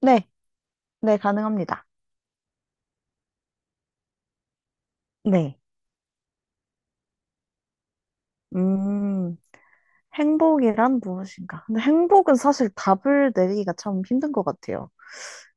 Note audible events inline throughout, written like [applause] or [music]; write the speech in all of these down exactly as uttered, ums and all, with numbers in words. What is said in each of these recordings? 네, 네, 가능합니다. 네. 음, 행복이란 무엇인가? 근데 행복은 사실 답을 내리기가 참 힘든 것 같아요.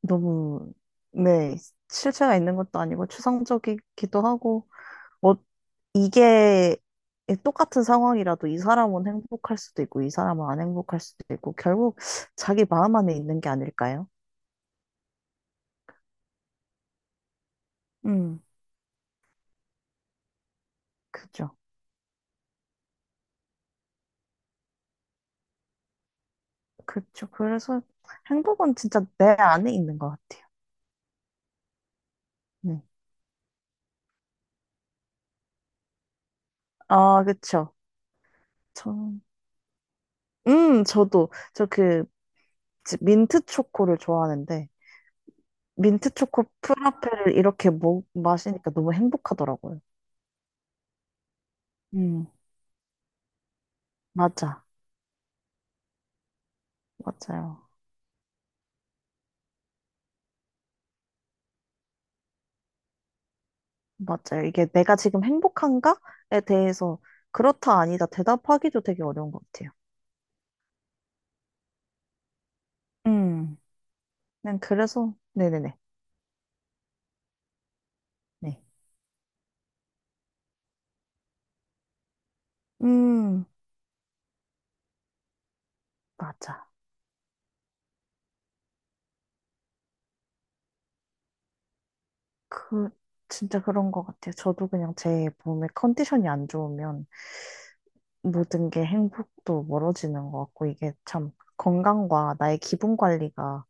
너무, 네, 실체가 있는 것도 아니고 추상적이기도 하고, 어, 이게 똑같은 상황이라도 이 사람은 행복할 수도 있고, 이 사람은 안 행복할 수도 있고, 결국 자기 마음 안에 있는 게 아닐까요? 음, 그죠. 그죠. 그래서 행복은 진짜 내 안에 있는 것 같아요. 네. 아, 그쵸. 저, 음, 저도 저 그 민트 초코를 좋아하는데 민트 초코 프라페를 이렇게 먹, 마시니까 너무 행복하더라고요. 음, 맞아, 맞아요, 맞아요. 이게 내가 지금 행복한가에 대해서 그렇다 아니다 대답하기도 되게 어려운 것 같아요. 음, 그냥 그래서 네네네. 네. 음, 맞아. 그 진짜 그런 것 같아요. 저도 그냥 제 몸의 컨디션이 안 좋으면 모든 게 행복도 멀어지는 것 같고, 이게 참 건강과 나의 기분 관리가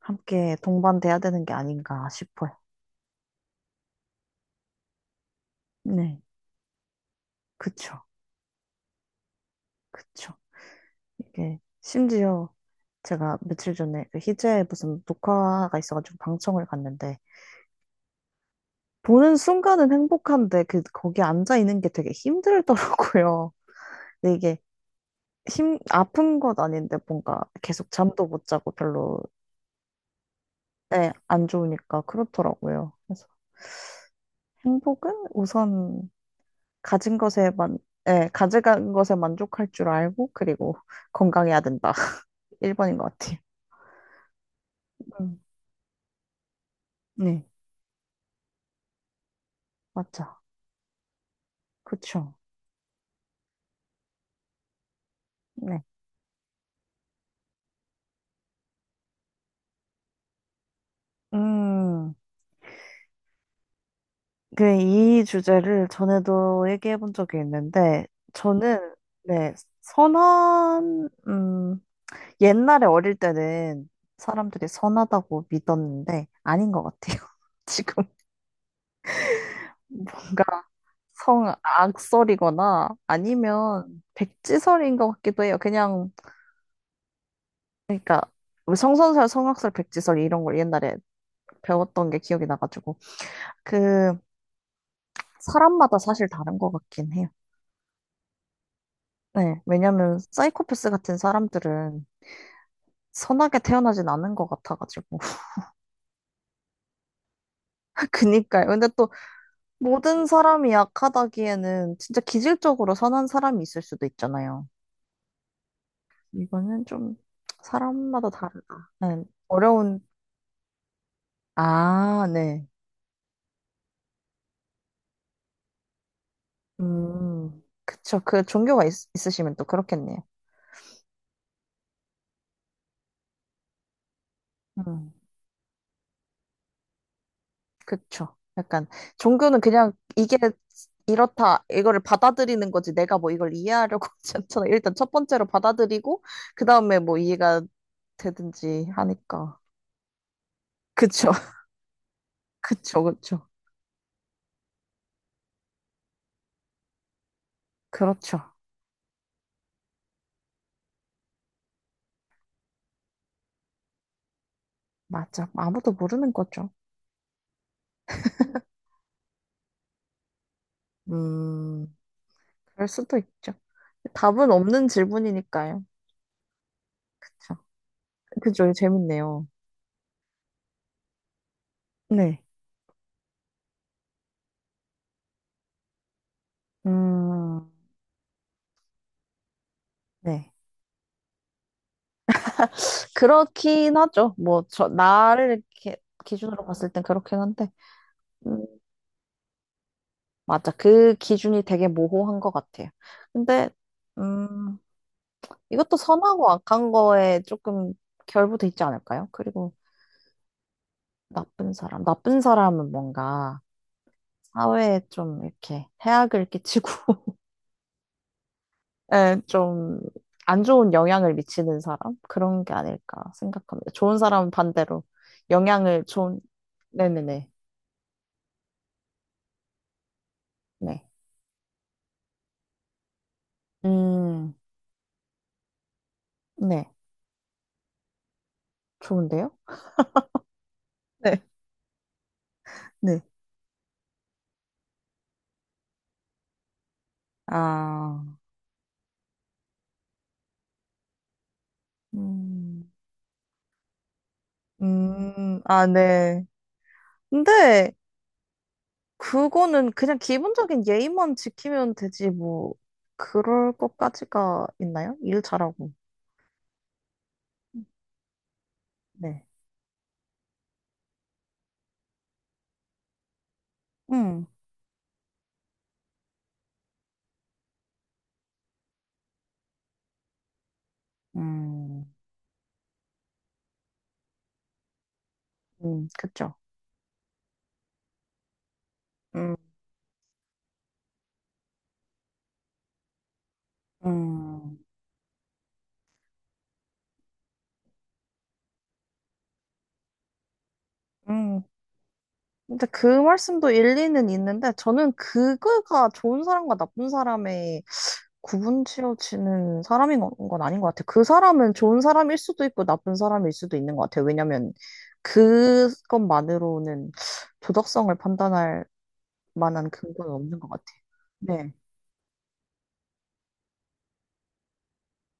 함께 동반돼야 되는 게 아닌가 싶어요. 네, 그쵸, 그쵸. 이게 심지어 제가 며칠 전에 그 희재 무슨 녹화가 있어가지고 방청을 갔는데, 보는 순간은 행복한데, 그, 거기 앉아 있는 게 되게 힘들더라고요. 근데 이게 힘, 아픈 것 아닌데 뭔가 계속 잠도 못 자고 별로, 네, 안 좋으니까 그렇더라고요. 행복은 우선 가진 것에 만, 예, 가져간 것에 만족할 줄 알고, 그리고 [laughs] 건강해야 된다. [laughs] 일 번인 것 같아요. 음, 네, 맞죠. 그쵸. 네. 음, 그, 이 주제를 전에도 얘기해 본 적이 있는데, 저는, 네, 선한, 음, 옛날에 어릴 때는 사람들이 선하다고 믿었는데, 아닌 것 같아요. [laughs] 지금. 뭔가 성 악설이거나 아니면 백지설인 것 같기도 해요. 그냥 그러니까 뭐 성선설, 성악설, 백지설 이런 걸 옛날에 배웠던 게 기억이 나가지고 그 사람마다 사실 다른 것 같긴 해요. 네, 왜냐면 사이코패스 같은 사람들은 선하게 태어나진 않은 것 같아가지고 [laughs] 그니까요. 근데 또 모든 사람이 약하다기에는 진짜 기질적으로 선한 사람이 있을 수도 있잖아요. 이거는 좀 사람마다 다르다. 네, 어려운 아, 네. 음, 그쵸. 그 종교가 있, 있으시면 또 그렇겠네요. 음, 그쵸. 약간 종교는 그냥 이게 이렇다, 이거를 받아들이는 거지. 내가 뭐 이걸 이해하려고 [laughs] 하지 않잖아. 일단 첫 번째로 받아들이고, 그 다음에 뭐 이해가 되든지 하니까. 그쵸. [laughs] 그쵸. 그쵸. 그렇죠. 맞아. 아무도 모르는 거죠. 음. 그럴 수도 있죠. 답은 없는 질문이니까요. 그쵸. 그죠. 재밌네요. 네. 음, 네. 그렇긴 하죠. 뭐, 저, 나를 이렇게 기준으로 봤을 땐 그렇긴 한데, 음, 맞아. 그 기준이 되게 모호한 것 같아요. 근데, 음, 이것도 선하고 악한 거에 조금 결부돼 있지 않을까요? 그리고 나쁜 사람. 나쁜 사람은 뭔가 사회에 좀 이렇게 해악을 끼치고, [laughs] 예, 좀, 안 좋은 영향을 미치는 사람? 그런 게 아닐까 생각합니다. 좋은 사람은 반대로 영향을 좋은, 네네네. 네. 음. 네. 좋은데요? 네, 네. 아, 음, 음, 아, 네. 근데 그거는 그냥 기본적인 예의만 지키면 되지, 뭐, 그럴 것까지가 있나요? 일 잘하고. 네. 음, 음, 음, 그쵸. 음, 음. 음. 근데 그 말씀도 일리는 있는데, 저는 그거가 좋은 사람과 나쁜 사람의 구분 지어지는 사람인 건, 건 아닌 것 같아. 그 사람은 좋은 사람일 수도 있고 나쁜 사람일 수도 있는 것 같아. 왜냐면 그것만으로는 도덕성을 판단할 만한 근거는 없는 것 같아. 네.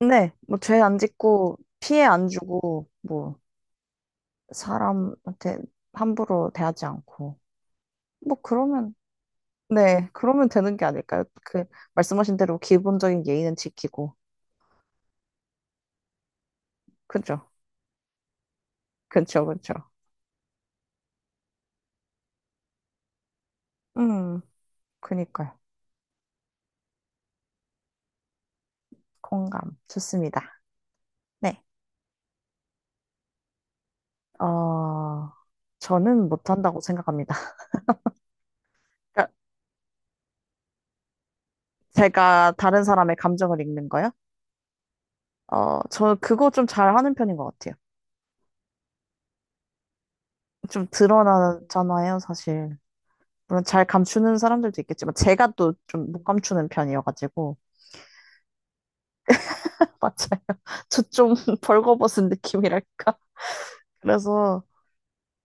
네, 뭐 죄 안 짓고 피해 안 주고 뭐 사람한테 함부로 대하지 않고 뭐 그러면 네, 그러면 되는 게 아닐까요? 그 말씀하신 대로 기본적인 예의는 지키고 그죠? 그죠, 그죠. 음, 그니까요. 공감. 좋습니다. 네. 어, 저는 못한다고 생각합니다. [laughs] 그러니까 제가 다른 사람의 감정을 읽는 거요? 어, 저 그거 좀 잘하는 편인 것 같아요. 좀 드러나잖아요, 사실. 물론 잘 감추는 사람들도 있겠지만 제가 또 좀 못 감추는 편이어가지고 [laughs] 맞아요. 저 좀 [laughs] 벌거벗은 느낌이랄까. 그래서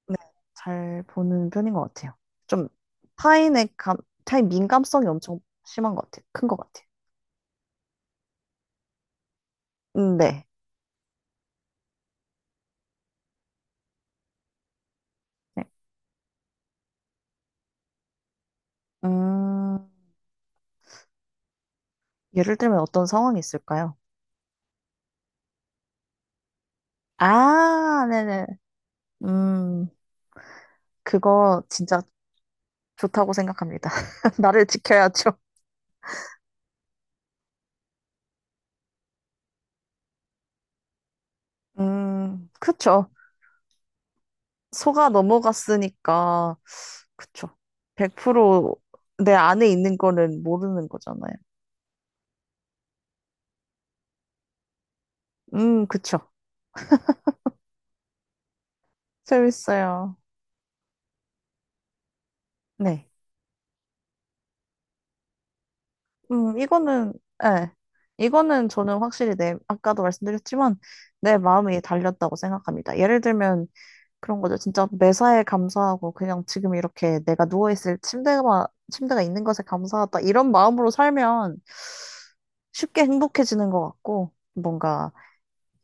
네, 잘 보는 편인 것 같아요. 좀 타인의 감, 타인 민감성이 엄청 심한 것 같아요. 큰 것 같아요. 음, 네. 네. 음. 예를 들면 어떤 상황이 있을까요? 아, 네네. 음, 그거 진짜 좋다고 생각합니다. [laughs] 나를 지켜야죠. 음, 그쵸. 속아 넘어갔으니까, 그쵸. 백 퍼센트 내 안에 있는 거는 모르는 거잖아요. 음, 그쵸. 재밌어요. 네. 음, 이거는, 예. 이거는 저는 확실히 내, 아까도 말씀드렸지만, 내 마음이 달렸다고 생각합니다. 예를 들면, 그런 거죠. 진짜 매사에 감사하고 그냥 지금 이렇게 내가 누워있을 침대가, 침대가 있는 것에 감사하다. 이런 마음으로 살면 쉽게 행복해지는 것 같고, 뭔가,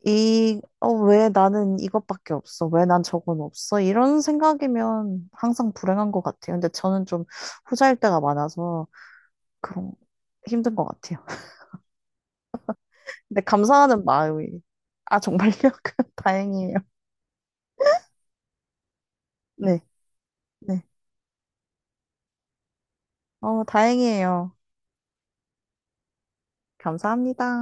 이, 어, 왜 나는 이것밖에 없어? 왜 난 저건 없어? 이런 생각이면 항상 불행한 것 같아요. 근데 저는 좀 후자일 때가 많아서 그런, 힘든 것 같아요. 근데 감사하는 마음이, 아, 정말요? [laughs] 다행이에요. 네, 네. 어, 다행이에요. 감사합니다.